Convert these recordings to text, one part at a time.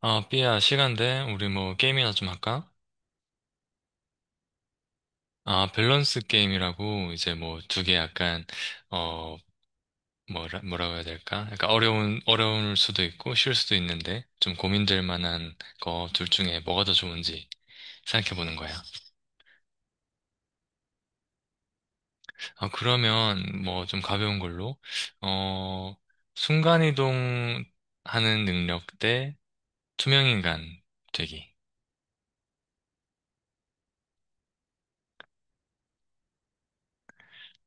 아, 삐야, 시간 돼? 우리 뭐 게임이나 좀 할까? 아, 밸런스 게임이라고 이제 뭐 두 개 약간 어 뭐라고 해야 될까? 약간 어려운 어려울 수도 있고 쉬울 수도 있는데 좀 고민될 만한 거 둘 중에 뭐가 더 좋은지 생각해 보는 거야. 아, 그러면 뭐 좀 가벼운 걸로 어 순간이동 하는 능력 대 투명인간 되기.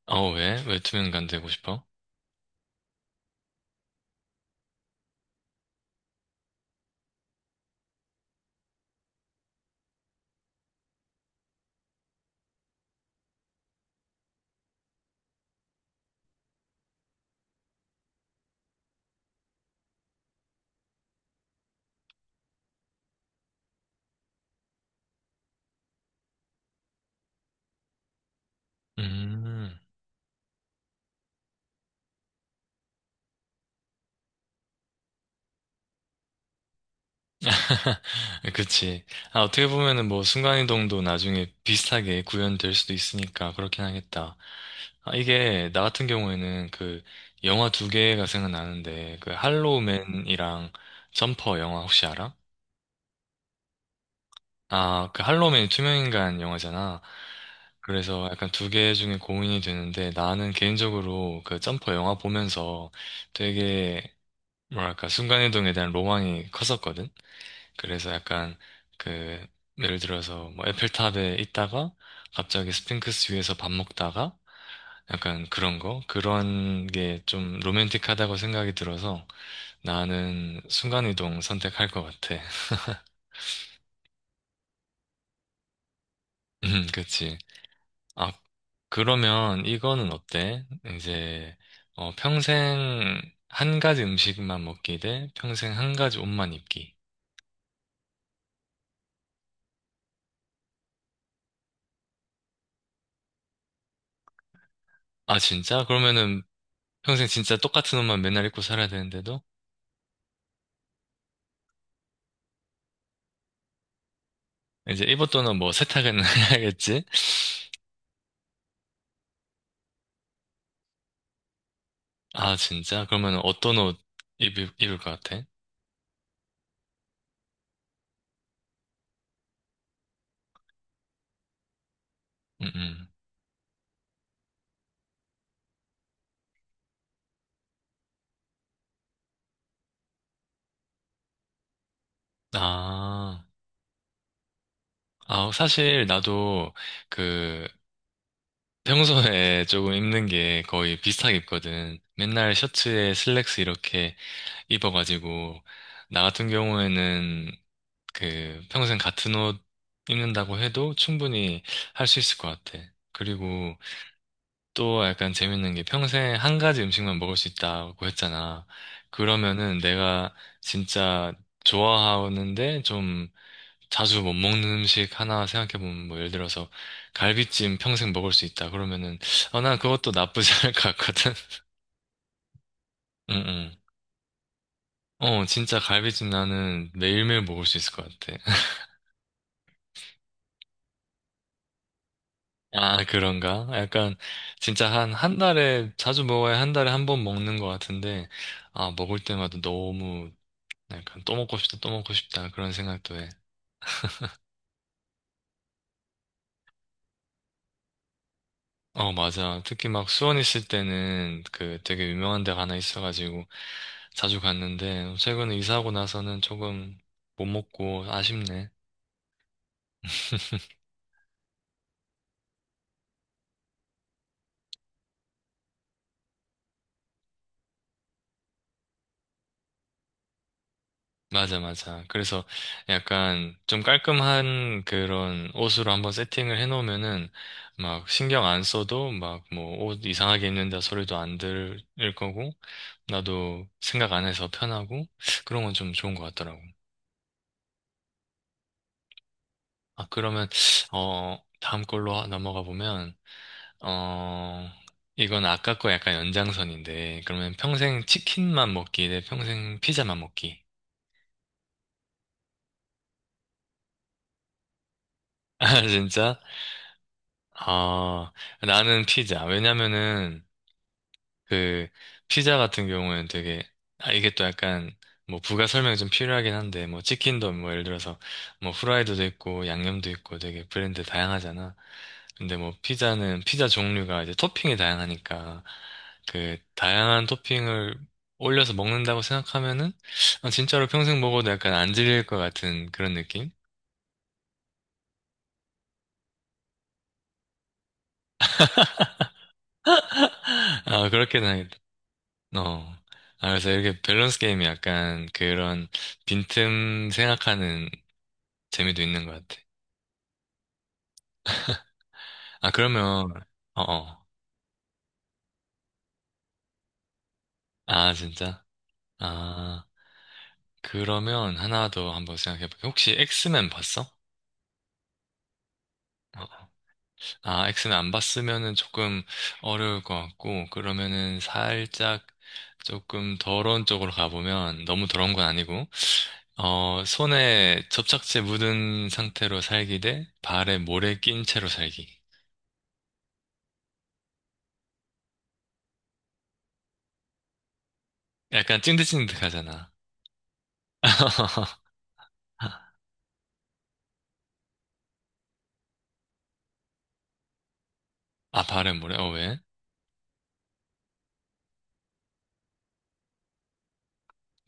어, 왜? 왜 투명인간 되고 싶어? 음. 그치. 아, 어떻게 보면은 뭐 순간이동도 나중에 비슷하게 구현될 수도 있으니까 그렇긴 하겠다. 아, 이게 나 같은 경우에는 그 영화 두 개가 생각나는데 그 할로우맨이랑 점퍼 영화 혹시 알아? 아, 그 할로우맨이 투명인간 영화잖아. 그래서 약간 두 개 중에 고민이 되는데 나는 개인적으로 그 점퍼 영화 보면서 되게 뭐랄까 순간이동에 대한 로망이 컸었거든. 그래서 약간 그 예를 들어서 뭐 에펠탑에 있다가 갑자기 스핑크스 위에서 밥 먹다가 약간 그런 거 그런 게 좀 로맨틱하다고 생각이 들어서 나는 순간이동 선택할 것 같아. 그치. 아, 그러면 이거는 어때? 이제 어, 평생 한 가지 음식만 먹기 대 평생 한 가지 옷만 입기. 아, 진짜? 그러면은 평생 진짜 똑같은 옷만 맨날 입고 살아야 되는데도? 이제 입었던 옷뭐 세탁은 해야겠지? 아, 진짜? 그러면 어떤 옷 입을 것 같아? 음, 음. 아, 아, 사실 나도 그 평소에 조금 입는 게 거의 비슷하게 입거든. 맨날 셔츠에 슬랙스 이렇게 입어가지고, 나 같은 경우에는 그 평생 같은 옷 입는다고 해도 충분히 할 수 있을 것 같아. 그리고 또 약간 재밌는 게 평생 한 가지 음식만 먹을 수 있다고 했잖아. 그러면은 내가 진짜 좋아하는데 좀 자주 못 먹는 음식 하나 생각해보면 뭐 예를 들어서 갈비찜 평생 먹을 수 있다. 그러면은 어, 난 그것도 나쁘지 않을 것 같거든. 응응. 어, 진짜 갈비찜 나는 매일매일 먹을 수 있을 것 같아. 아, 그런가? 약간 진짜 한 한 달에 자주 먹어야 한 달에 한 번 먹는 것 같은데 아, 먹을 때마다 너무 약간 또 먹고 싶다, 또 먹고 싶다 그런 생각도 해. 어, 맞아. 특히 막 수원 있을 때는 그 되게 유명한 데가 하나 있어가지고 자주 갔는데 최근에 이사하고 나서는 조금 못 먹고 아쉽네. 맞아, 맞아. 그래서 약간 좀 깔끔한 그런 옷으로 한번 세팅을 해놓으면은 막 신경 안 써도 막 뭐 옷 이상하게 입는다 소리도 안 들을 거고 나도 생각 안 해서 편하고 그런 건 좀 좋은 것 같더라고. 아, 그러면, 어, 다음 걸로 넘어가 보면, 어, 이건 아까 거 약간 연장선인데, 그러면 평생 치킨만 먹기 대 평생 피자만 먹기. 아, 진짜? 아, 나는 피자. 왜냐면은, 그 피자 같은 경우는 되게 아 이게 또 약간 뭐 부가 설명이 좀 필요하긴 한데 뭐 치킨도 뭐 예를 들어서 뭐 후라이드도 있고 양념도 있고 되게 브랜드 다양하잖아. 근데 뭐 피자는 피자 종류가 이제 토핑이 다양하니까 그 다양한 토핑을 올려서 먹는다고 생각하면은 아, 진짜로 평생 먹어도 약간 안 질릴 것 같은 그런 느낌? 아, 그렇게 나겠다. 어. 아, 그래서 이렇게 밸런스 게임이 약간 그런 빈틈 생각하는 재미도 있는 것 같아. 아, 그러면, 어, 어. 아, 진짜? 아, 그러면 하나 더 한번 생각해볼게. 혹시 엑스맨 봤어? 어, 어. 아, 엑스맨 안 봤으면은 조금 어려울 것 같고, 그러면은 살짝 조금 더러운 쪽으로 가보면, 너무 더러운 건 아니고, 어, 손에 접착제 묻은 상태로 살기 대 발에 모래 낀 채로 살기. 약간 찐득찐득하잖아. 아, 발에 모래? 어, 왜?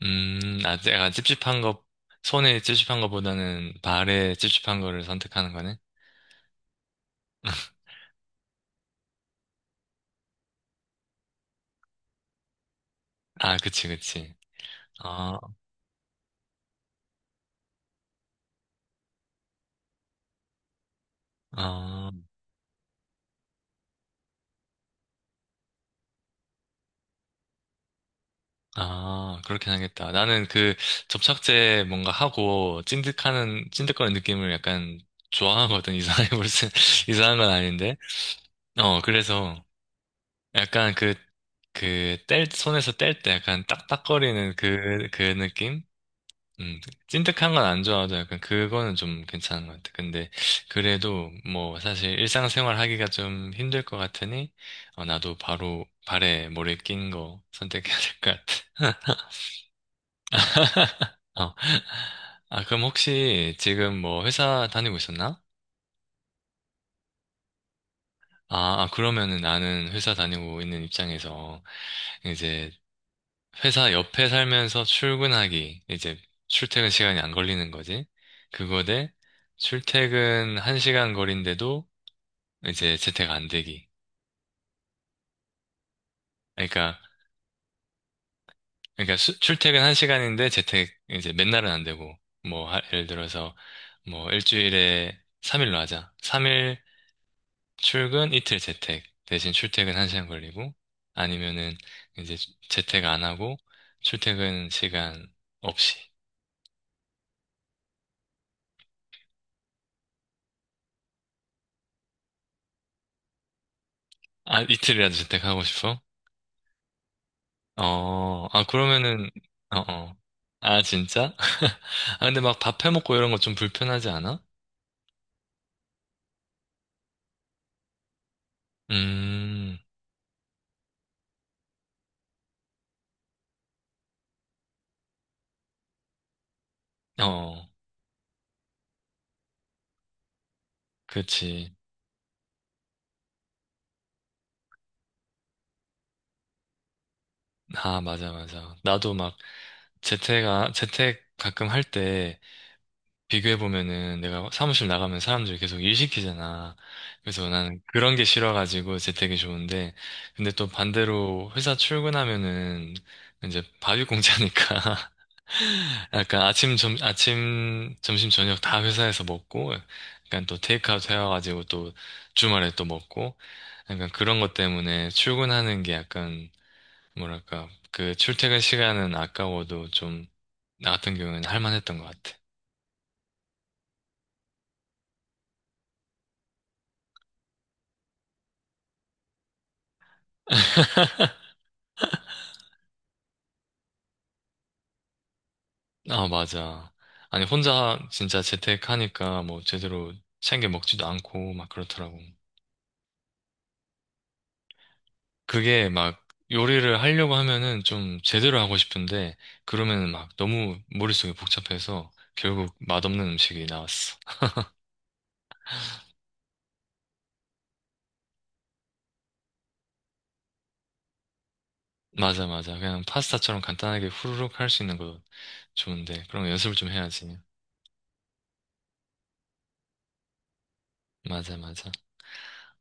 음, 아, 약간 찝찝한 거, 손에 찝찝한 거보다는 발에 찝찝한 거를 선택하는 거네? 아, 그치, 그치. 아, 아, 아, 그렇긴 하겠다. 나는 그 접착제 뭔가 하고 찐득거리는 느낌을 약간 좋아하거든. 이상해, 무슨, 이상한 건 아닌데. 어, 그래서 약간 손에서 뗄 때 약간 딱딱거리는 그 느낌? 음, 찐득한 건 안 좋아하죠. 약간 그거는 좀 괜찮은 것 같아. 근데 그래도 뭐 사실 일상생활 하기가 좀 힘들 것 같으니 어, 나도 바로 발에 모래 낀 거 선택해야 될 것 같아. 어. 아, 그럼 혹시 지금 뭐 회사 다니고 있었나? 아, 아, 그러면은 나는 회사 다니고 있는 입장에서 이제 회사 옆에 살면서 출근하기, 이제 출퇴근 시간이 안 걸리는 거지. 그거 대 출퇴근 1시간 거리인데도 이제 재택 안 되기. 그러니까, 그러니까 출퇴근 한 시간인데 재택 이제 맨날은 안 되고, 뭐, 예를 들어서 뭐 일주일에 3일로 하자. 3일 출근, 이틀 재택. 대신 출퇴근 한 시간 걸리고, 아니면은 이제 재택 안 하고, 출퇴근 시간 없이. 아, 이틀이라도 재택하고 싶어? 어, 아, 그러면은, 어, 어. 아, 진짜? 아, 근데 막 밥 해먹고 이런 거 좀 불편하지 않아? 음, 어. 그치. 아, 맞아, 맞아. 나도 막 재택 가끔 할 때 비교해보면은 내가 사무실 나가면 사람들 계속 일 시키잖아. 그래서 나는 그런 게 싫어가지고 재택이 좋은데. 근데 또 반대로 회사 출근하면은 이제 밥이공짜니까 약간 아침, 점심, 저녁 다 회사에서 먹고, 약간 또 테이크아웃 해와가지고 또 주말에 또 먹고, 약간 그런 것 때문에 출근하는 게 약간 뭐랄까, 그 출퇴근 시간은 아까워도 좀, 나 같은 경우에는 할만했던 것 같아. 아, 맞아. 아니, 혼자 진짜 재택하니까 뭐 제대로 챙겨 먹지도 않고 막 그렇더라고. 그게 막 요리를 하려고 하면은 좀 제대로 하고 싶은데, 그러면은 막 너무 머릿속이 복잡해서 결국 맛없는 음식이 나왔어. 맞아, 맞아. 그냥 파스타처럼 간단하게 후루룩 할 수 있는 거 좋은데, 그런 거 연습을 좀 해야지. 맞아, 맞아.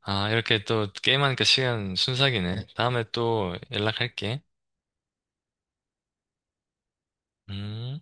아, 이렇게 또 게임하니까 시간 순삭이네. 다음에 또 연락할게. 음.